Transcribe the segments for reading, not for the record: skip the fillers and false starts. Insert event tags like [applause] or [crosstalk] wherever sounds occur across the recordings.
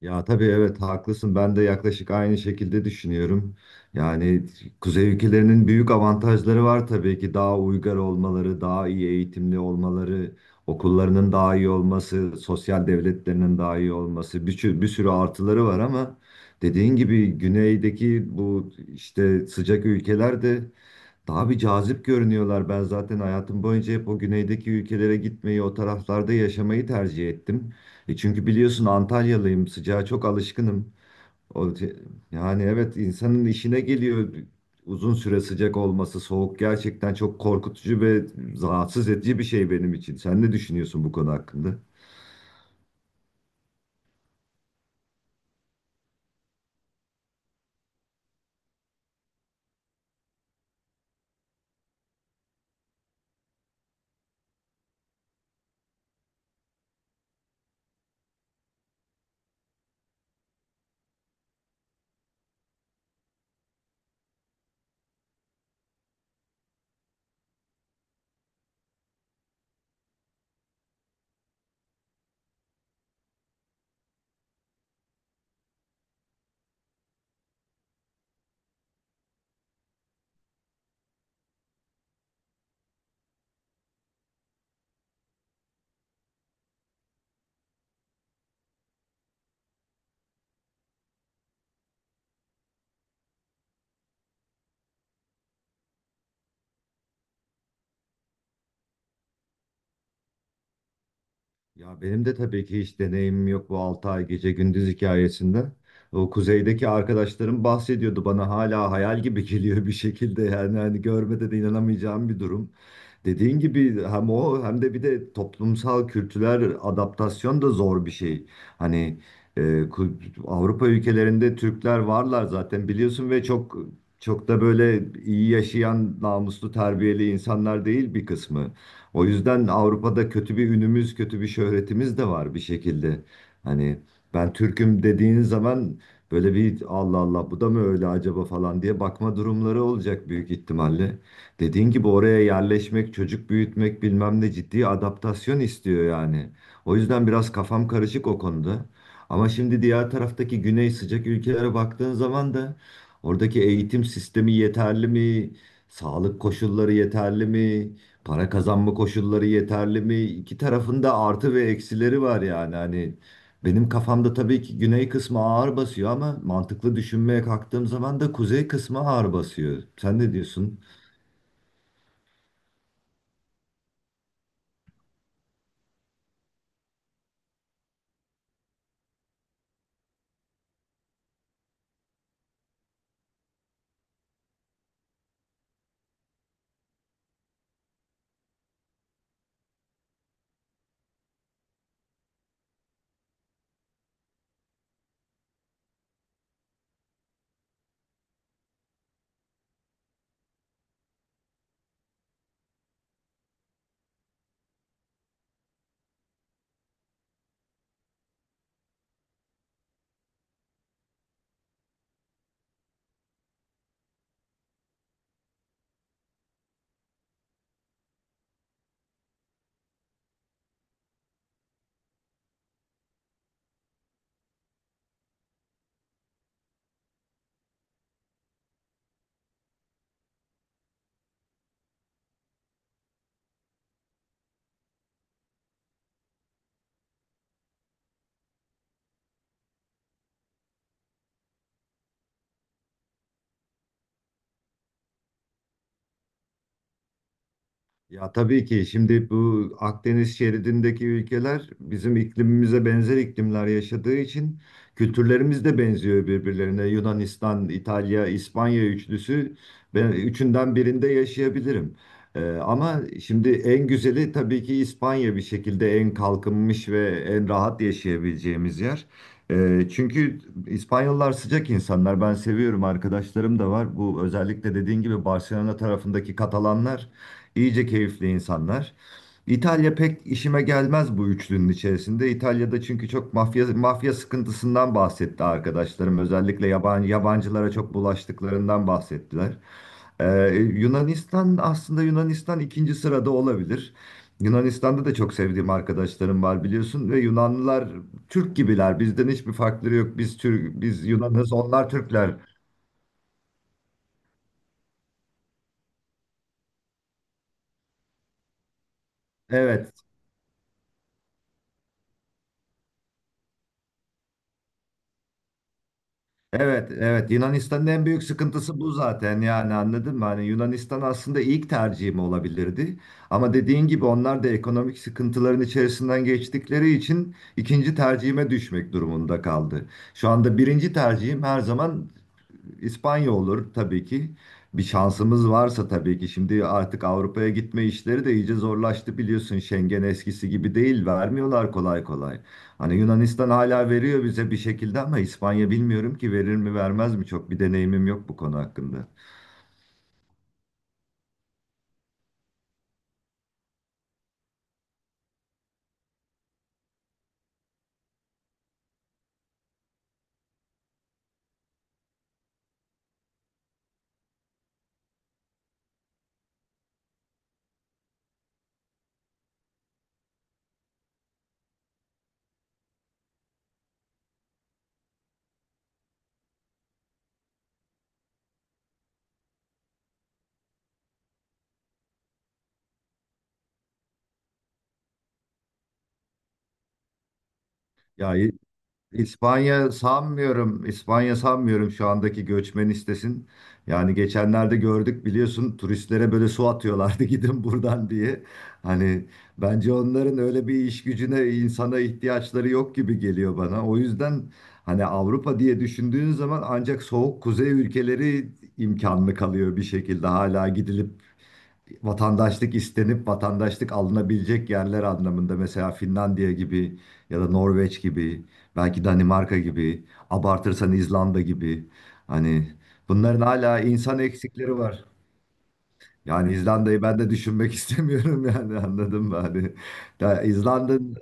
Ya tabii evet haklısın. Ben de yaklaşık aynı şekilde düşünüyorum. Yani kuzey ülkelerinin büyük avantajları var tabii ki. Daha uygar olmaları, daha iyi eğitimli olmaları, okullarının daha iyi olması, sosyal devletlerinin daha iyi olması, bir sürü artıları var ama dediğin gibi güneydeki bu işte sıcak ülkeler de daha bir cazip görünüyorlar. Ben zaten hayatım boyunca hep o güneydeki ülkelere gitmeyi, o taraflarda yaşamayı tercih ettim. E çünkü biliyorsun Antalyalıyım, sıcağa çok alışkınım. O, te- yani evet insanın işine geliyor uzun süre sıcak olması, soğuk gerçekten çok korkutucu ve rahatsız edici bir şey benim için. Sen ne düşünüyorsun bu konu hakkında? Ya benim de tabii ki hiç deneyimim yok bu 6 ay gece gündüz hikayesinde. O kuzeydeki arkadaşlarım bahsediyordu bana hala hayal gibi [laughs] geliyor bir şekilde yani hani görmede de inanamayacağım bir durum. Dediğin gibi hem o hem de bir de toplumsal kültürel adaptasyon da zor bir şey. Hani e, kü- Avrupa ülkelerinde Türkler varlar zaten biliyorsun ve çok çok da böyle iyi yaşayan, namuslu, terbiyeli insanlar değil bir kısmı. O yüzden Avrupa'da kötü bir ünümüz, kötü bir şöhretimiz de var bir şekilde. Hani ben Türk'üm dediğin zaman böyle bir Allah Allah bu da mı öyle acaba falan diye bakma durumları olacak büyük ihtimalle. Dediğin gibi oraya yerleşmek, çocuk büyütmek bilmem ne ciddi adaptasyon istiyor yani. O yüzden biraz kafam karışık o konuda. Ama şimdi diğer taraftaki güney sıcak ülkelere baktığın zaman da oradaki eğitim sistemi yeterli mi? Sağlık koşulları yeterli mi? Para kazanma koşulları yeterli mi? İki tarafında artı ve eksileri var yani. Hani benim kafamda tabii ki güney kısmı ağır basıyor ama mantıklı düşünmeye kalktığım zaman da kuzey kısmı ağır basıyor. Sen ne diyorsun? Ya tabii ki şimdi bu Akdeniz şeridindeki ülkeler bizim iklimimize benzer iklimler yaşadığı için kültürlerimiz de benziyor birbirlerine. Yunanistan, İtalya, İspanya üçlüsü, ben üçünden birinde yaşayabilirim. Ama şimdi en güzeli tabii ki İspanya bir şekilde en kalkınmış ve en rahat yaşayabileceğimiz yer. Çünkü İspanyollar sıcak insanlar. Ben seviyorum, arkadaşlarım da var. Bu özellikle dediğin gibi Barcelona tarafındaki Katalanlar. İyice keyifli insanlar. İtalya pek işime gelmez bu üçlünün içerisinde. İtalya'da çünkü çok mafya mafya sıkıntısından bahsetti arkadaşlarım. Özellikle yabancı yabancılara çok bulaştıklarından bahsettiler. Ee, Yunanistan, aslında Yunanistan ikinci sırada olabilir. Yunanistan'da da çok sevdiğim arkadaşlarım var biliyorsun ve Yunanlılar Türk gibiler. Bizden hiçbir farkları yok. Biz Türk, biz Yunanız, onlar Türkler. Evet. Evet, evet. Yunanistan'ın en büyük sıkıntısı bu zaten yani anladın mı? Hani Yunanistan aslında ilk tercihim olabilirdi. Ama dediğin gibi onlar da ekonomik sıkıntıların içerisinden geçtikleri için ikinci tercihime düşmek durumunda kaldı. Şu anda birinci tercihim her zaman İspanya olur tabii ki. Bir şansımız varsa tabii ki. Şimdi artık Avrupa'ya gitme işleri de iyice zorlaştı biliyorsun. Schengen eskisi gibi değil. Vermiyorlar kolay kolay. Hani Yunanistan hala veriyor bize bir şekilde ama İspanya bilmiyorum ki verir mi vermez mi, çok bir deneyimim yok bu konu hakkında. Ya İspanya sanmıyorum. İspanya sanmıyorum şu andaki göçmen istesin. Yani geçenlerde gördük biliyorsun, turistlere böyle su atıyorlardı [laughs] gidin buradan diye. Hani bence onların öyle bir iş gücüne, insana ihtiyaçları yok gibi geliyor bana. O yüzden hani Avrupa diye düşündüğün zaman ancak soğuk kuzey ülkeleri imkanlı kalıyor bir şekilde, hala gidilip vatandaşlık istenip vatandaşlık alınabilecek yerler anlamında mesela Finlandiya gibi ya da Norveç gibi, belki Danimarka gibi, abartırsan İzlanda gibi, hani bunların hala insan eksikleri var. Yani İzlanda'yı ben de düşünmek [laughs] istemiyorum yani anladın mı? Hani ya İzlanda'nın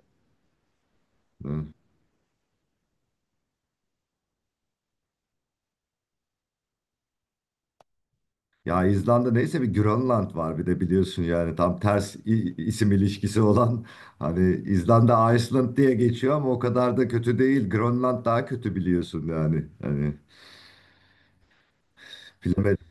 Ya İzlanda neyse, bir Grönland var bir de biliyorsun yani, tam ters isim ilişkisi olan, hani İzlanda Iceland diye geçiyor ama o kadar da kötü değil. Grönland daha kötü biliyorsun yani. Hani bilemedim.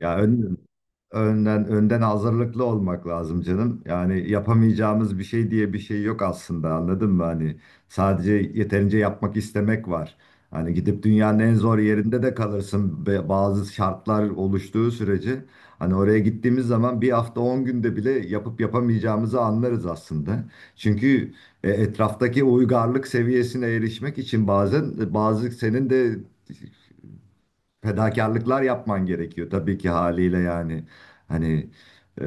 Ya ön- Önden önden hazırlıklı olmak lazım canım. Yani yapamayacağımız bir şey diye bir şey yok aslında. Anladın mı? Hani sadece yeterince yapmak istemek var. Hani gidip dünyanın en zor yerinde de kalırsın. Bazı şartlar oluştuğu sürece hani oraya gittiğimiz zaman bir hafta 10 günde bile yapıp yapamayacağımızı anlarız aslında. Çünkü etraftaki uygarlık seviyesine erişmek için bazen bazı senin de fedakarlıklar yapman gerekiyor tabii ki haliyle yani. Hani e,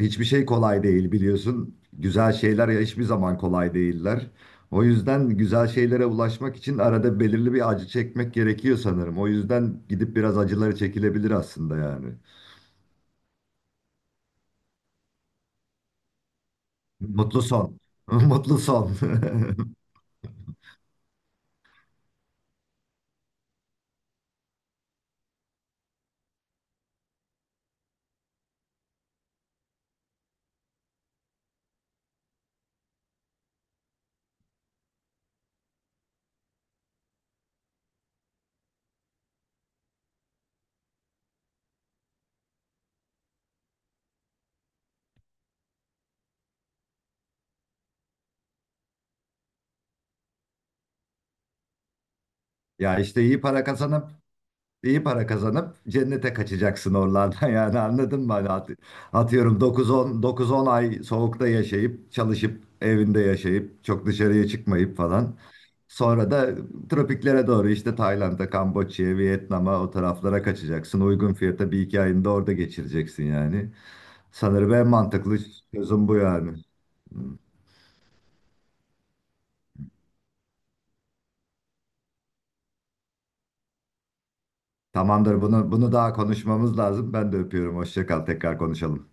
hiçbir şey kolay değil biliyorsun. Güzel şeyler ya hiçbir zaman kolay değiller. O yüzden güzel şeylere ulaşmak için arada belirli bir acı çekmek gerekiyor sanırım. O yüzden gidip biraz acıları çekilebilir aslında yani. Mutlu son. [laughs] Mutlu son. [laughs] Ya işte iyi para kazanan İyi para kazanıp cennete kaçacaksın oralardan [laughs] yani anladın mı? Hani atıyorum 9-10 ay soğukta yaşayıp çalışıp evinde yaşayıp çok dışarıya çıkmayıp falan. Sonra da tropiklere doğru işte Tayland'a, Kamboçya'ya, Vietnam'a o taraflara kaçacaksın. Uygun fiyata bir iki ayını da orada geçireceksin yani. Sanırım en mantıklı çözüm bu yani. Tamamdır, bunu daha konuşmamız lazım. Ben de öpüyorum. Hoşça kal. Tekrar konuşalım.